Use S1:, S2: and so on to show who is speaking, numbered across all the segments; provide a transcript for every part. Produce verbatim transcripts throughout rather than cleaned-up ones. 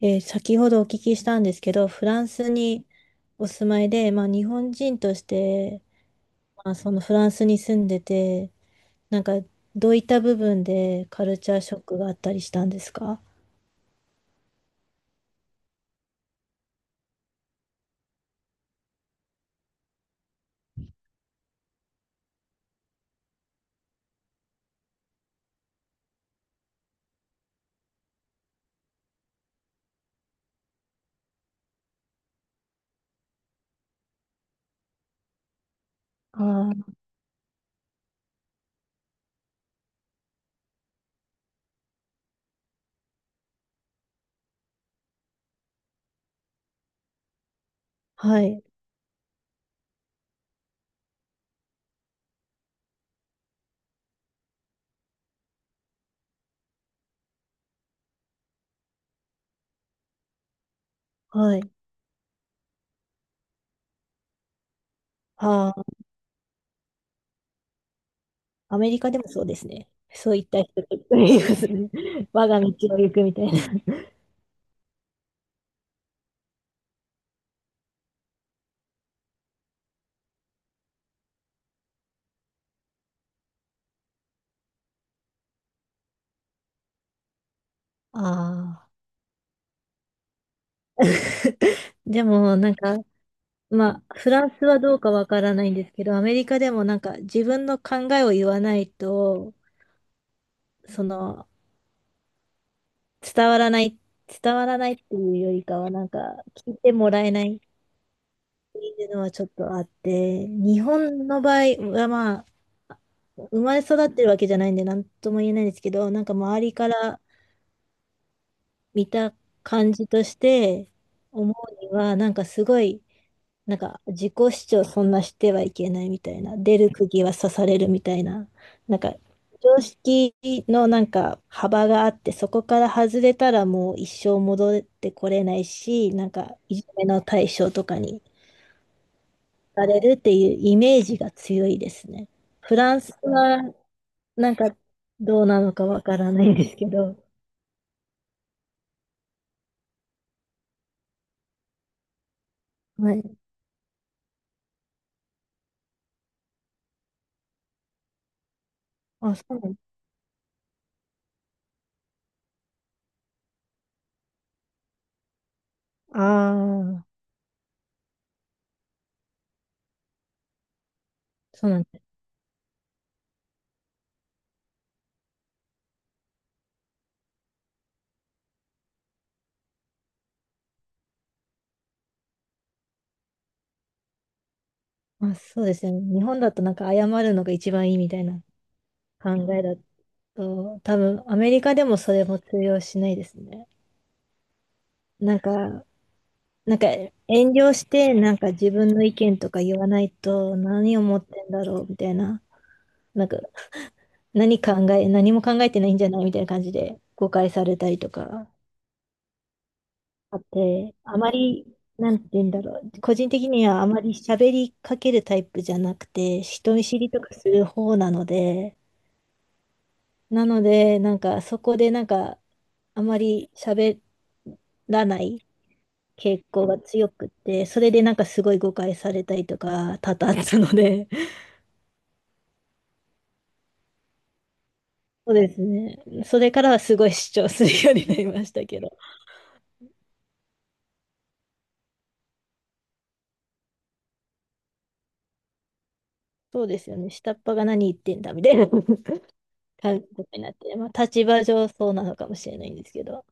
S1: えー先ほどお聞きしたんですけど、フランスにお住まいで、まあ、日本人として、まあ、そのフランスに住んでて、なんかどういった部分でカルチャーショックがあったりしたんですか？あー、はい、はい。あー、アメリカでもそうですね。そういった人といますね。 我が道を行くみたいな。ああ。でも、なんか、まあ、フランスはどうかわからないんですけど、アメリカでもなんか自分の考えを言わないと、その、伝わらない、伝わらないっていうよりかは、なんか、聞いてもらえないっていうのはちょっとあって、日本の場合はまあ、生まれ育ってるわけじゃないんで、なんとも言えないんですけど、なんか周りから見た感じとして思うには、なんかすごい、なんか自己主張そんなしてはいけないみたいな、出る釘は刺されるみたいな、なんか常識のなんか幅があって、そこから外れたらもう一生戻ってこれないし、なんかいじめの対象とかにされるっていうイメージが強いですね。フランスはなんかどうなのかわからないんですけど、はい。あ、そうなんああー、そうなんです。あ、そうですね。日本だとなんか謝るのが一番いいみたいな考えだっそう、多分アメリカでもそれも通用しないですね。なんか、なんか遠慮してなんか自分の意見とか言わないと何を持ってんだろうみたいな、なんか何考え、何も考えてないんじゃないみたいな感じで誤解されたりとかあって、あまり、なんて言うんだろう、個人的にはあまり喋りかけるタイプじゃなくて、人見知りとかする方なので、なので、なんかそこでなんかあまり喋らない傾向が強くて、それでなんかすごい誤解されたりとか多々あったので、そうですね。それからはすごい主張するようになりましたけど、そうですよね。下っ端が何言ってんだみたいな 感覚になって、まあ立場上そうなのかもしれないんですけど。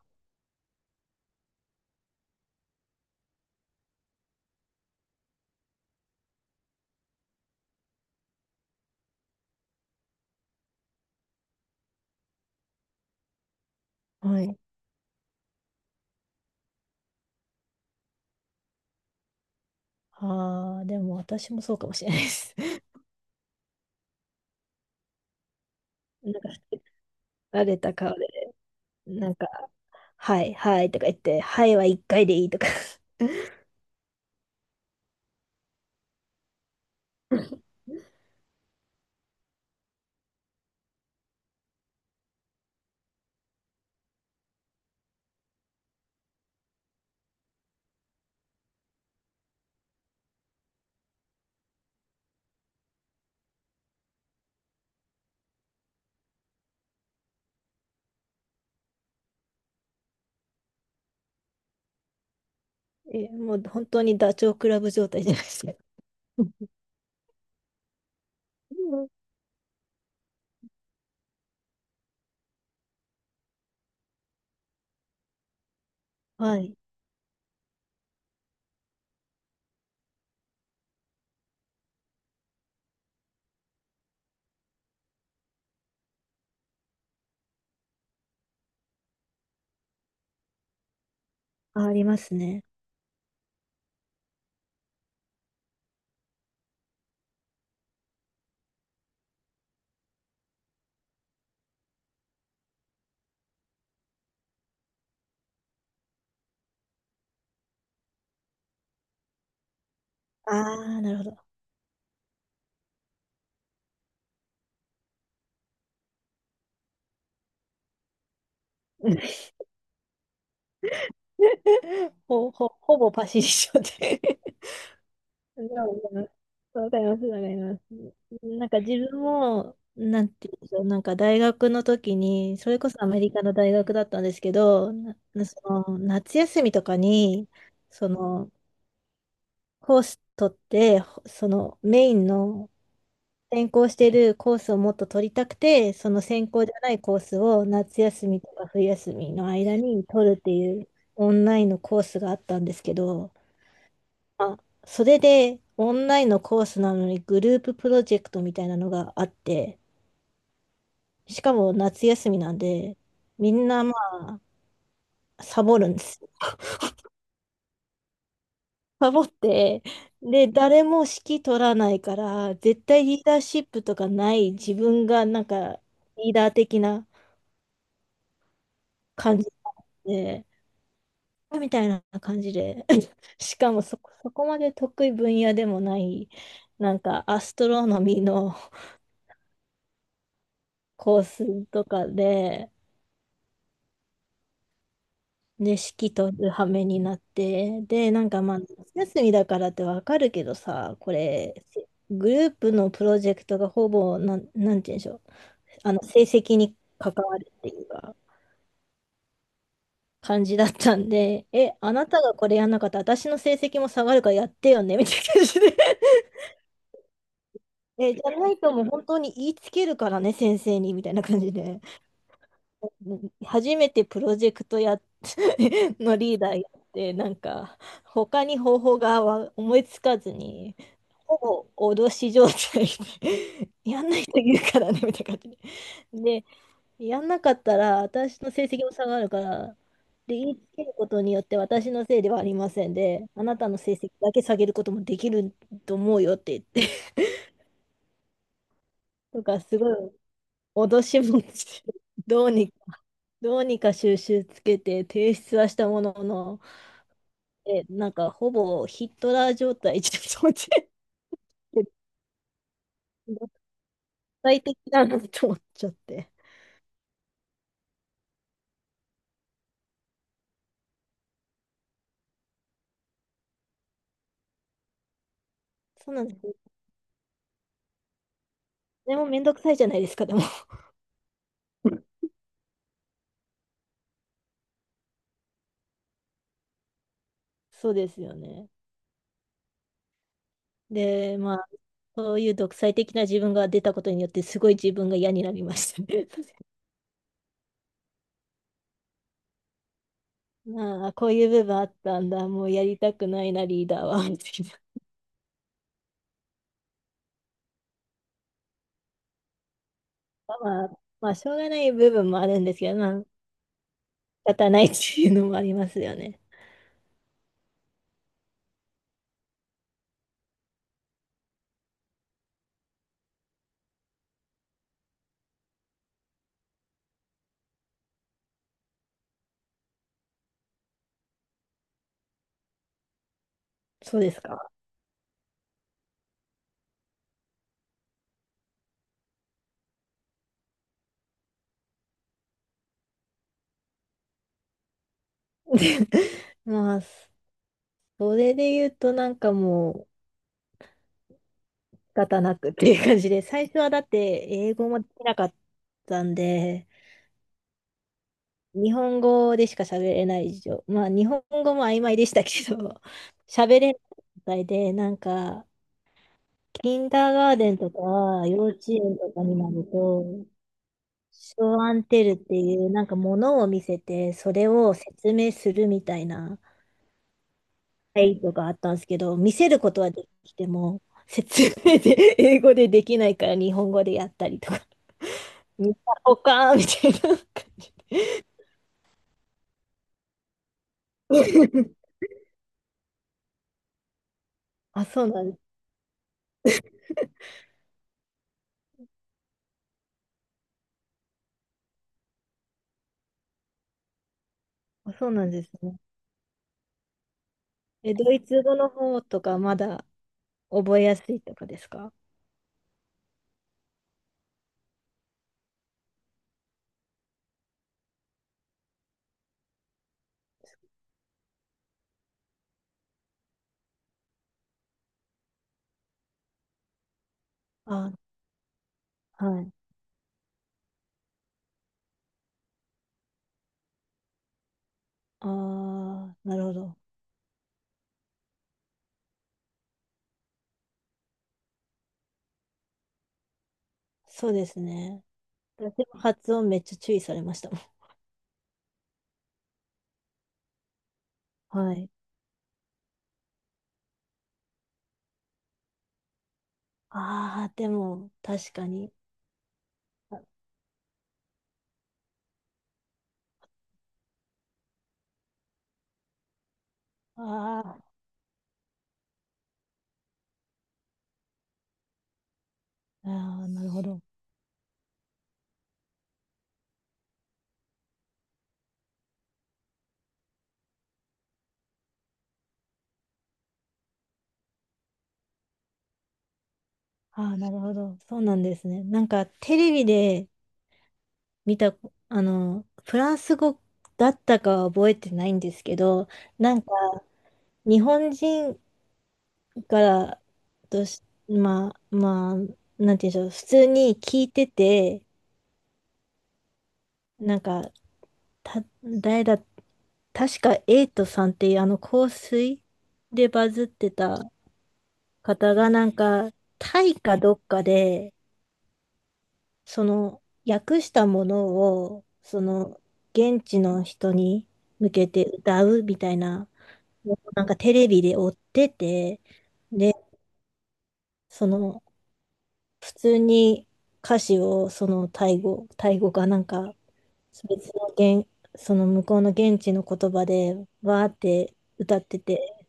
S1: はい。ああ、でも私もそうかもしれないです。なんか、慣れた顔で、なんか、はい、はいとか言って、はいは一回でいいとか。 え、もう本当にダチョウ倶楽部状態じゃないですか。はい。あ、ありますね。ああ、なるほど。うん、ほ、ほ、ほぼパシリ症で。でもわかります、わかります。なんか自分も、なんていうんでしょう、なんか大学の時に、それこそアメリカの大学だったんですけど、なその夏休みとかに、その、コース取って、ほそのメインの専攻してるコースをもっと取りたくて、その専攻じゃないコースを夏休みとか冬休みの間に取るっていうオンラインのコースがあったんですけど、まあ、それでオンラインのコースなのにグループプロジェクトみたいなのがあって、しかも夏休みなんで、みんなまあ、サボるんです。サボって、で、誰も指揮取らないから、絶対リーダーシップとかない自分がなんかリーダー的な感じで、みたいな感じで、しかもそこ、そこまで得意分野でもない、なんかアストロノミーの コースとかで、で、式とる羽目になって、で、なんかまあ、夏休みだからってわかるけどさ、これ、グループのプロジェクトがほぼ、なん、なんて言うんでしょう、あの、成績に関わるっていうか、感じだったんで、え、あなたがこれやんなかったら、私の成績も下がるからやってよね、みたいな感じで、え、じゃないともう本当に言いつけるからね、先生に、みたいな感じで。うん、初めてプロジェクトやっ のリーダーやって、なんか、他に方法がわ思いつかずに、ほぼ脅し状態で やんないと言うからね、みたいな感じで。で、やんなかったら、私の成績も下がるから、で、言いつけることによって私のせいではありませんで、あなたの成績だけ下げることもできると思うよって言って、とか、すごい脅し文句 どうに、どうにか収集つけて提出はしたものの、え、なんかほぼヒットラー状態じゃっ独裁的だ なと思っちゃって。そうなんです。でもめんどくさいじゃないですか、でも。そうですよね。で、まあ、そういう独裁的な自分が出たことによって、すごい自分が嫌になりましたね。まあ、こういう部分あったんだ、もうやりたくないな、リーダーは、みたいな。まあ、まあ、しょうがない部分もあるんですけど、まあ立たないっていうのもありますよね。そうですか。まあ、それで言うとなんかもう仕方なくっていう感じで、最初はだって英語もできなかったんで、日本語でしか喋れない以上、まあ日本語も曖昧でしたけど、喋れない状態で、なんか、キンダーガーデンとか、幼稚園とかになると、ショーアンテルっていう、なんか物を見せて、それを説明するみたいな、はいとかあったんですけど、見せることはできても、説明で、英語でできないから日本語でやったりとか、見たほかーみたいな感じ。 あ、そうなんです。あ、そうなんですね。え、ドイツ語の方とかまだ覚えやすいとかですか？あ、はい。ああ、なるほど。そうですね。でも発音めっちゃ注意されましたもん。はい。ああ、でも、確かに。ああー、あーなるほど。ああ、なるほど。そうなんですね。なんか、テレビで見た、あの、フランス語だったかは覚えてないんですけど、なんか、日本人からとし、まあ、まあ、なんて言うんでしょう、普通に聞いてて、なんか、た、誰だ、確かエイトさんっていうあの香水でバズってた方がなんかタイかどっかでその訳したものをその現地の人に向けて歌うみたいな、なんかテレビで追ってて、で、その普通に歌詞をそのタイ語タイ語かなんか、別の言その向こうの現地の言葉でわーって歌ってて、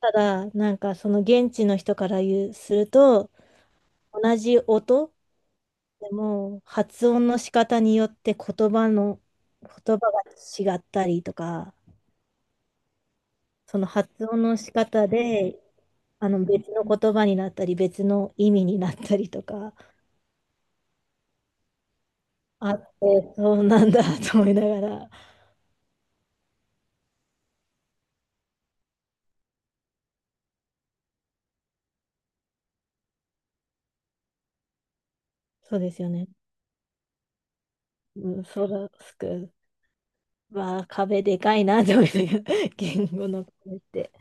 S1: ただ、なんかその現地の人から言うすると、同じ音でも発音の仕方によって言葉の、言葉が違ったりとか、その発音の仕方で、あの別の言葉になったり、別の意味になったりとか、あって、そうなんだ と思いながら、そうですよね。うん、そうだ、すく、わあ、壁でかいなと思いながら、言語の壁って。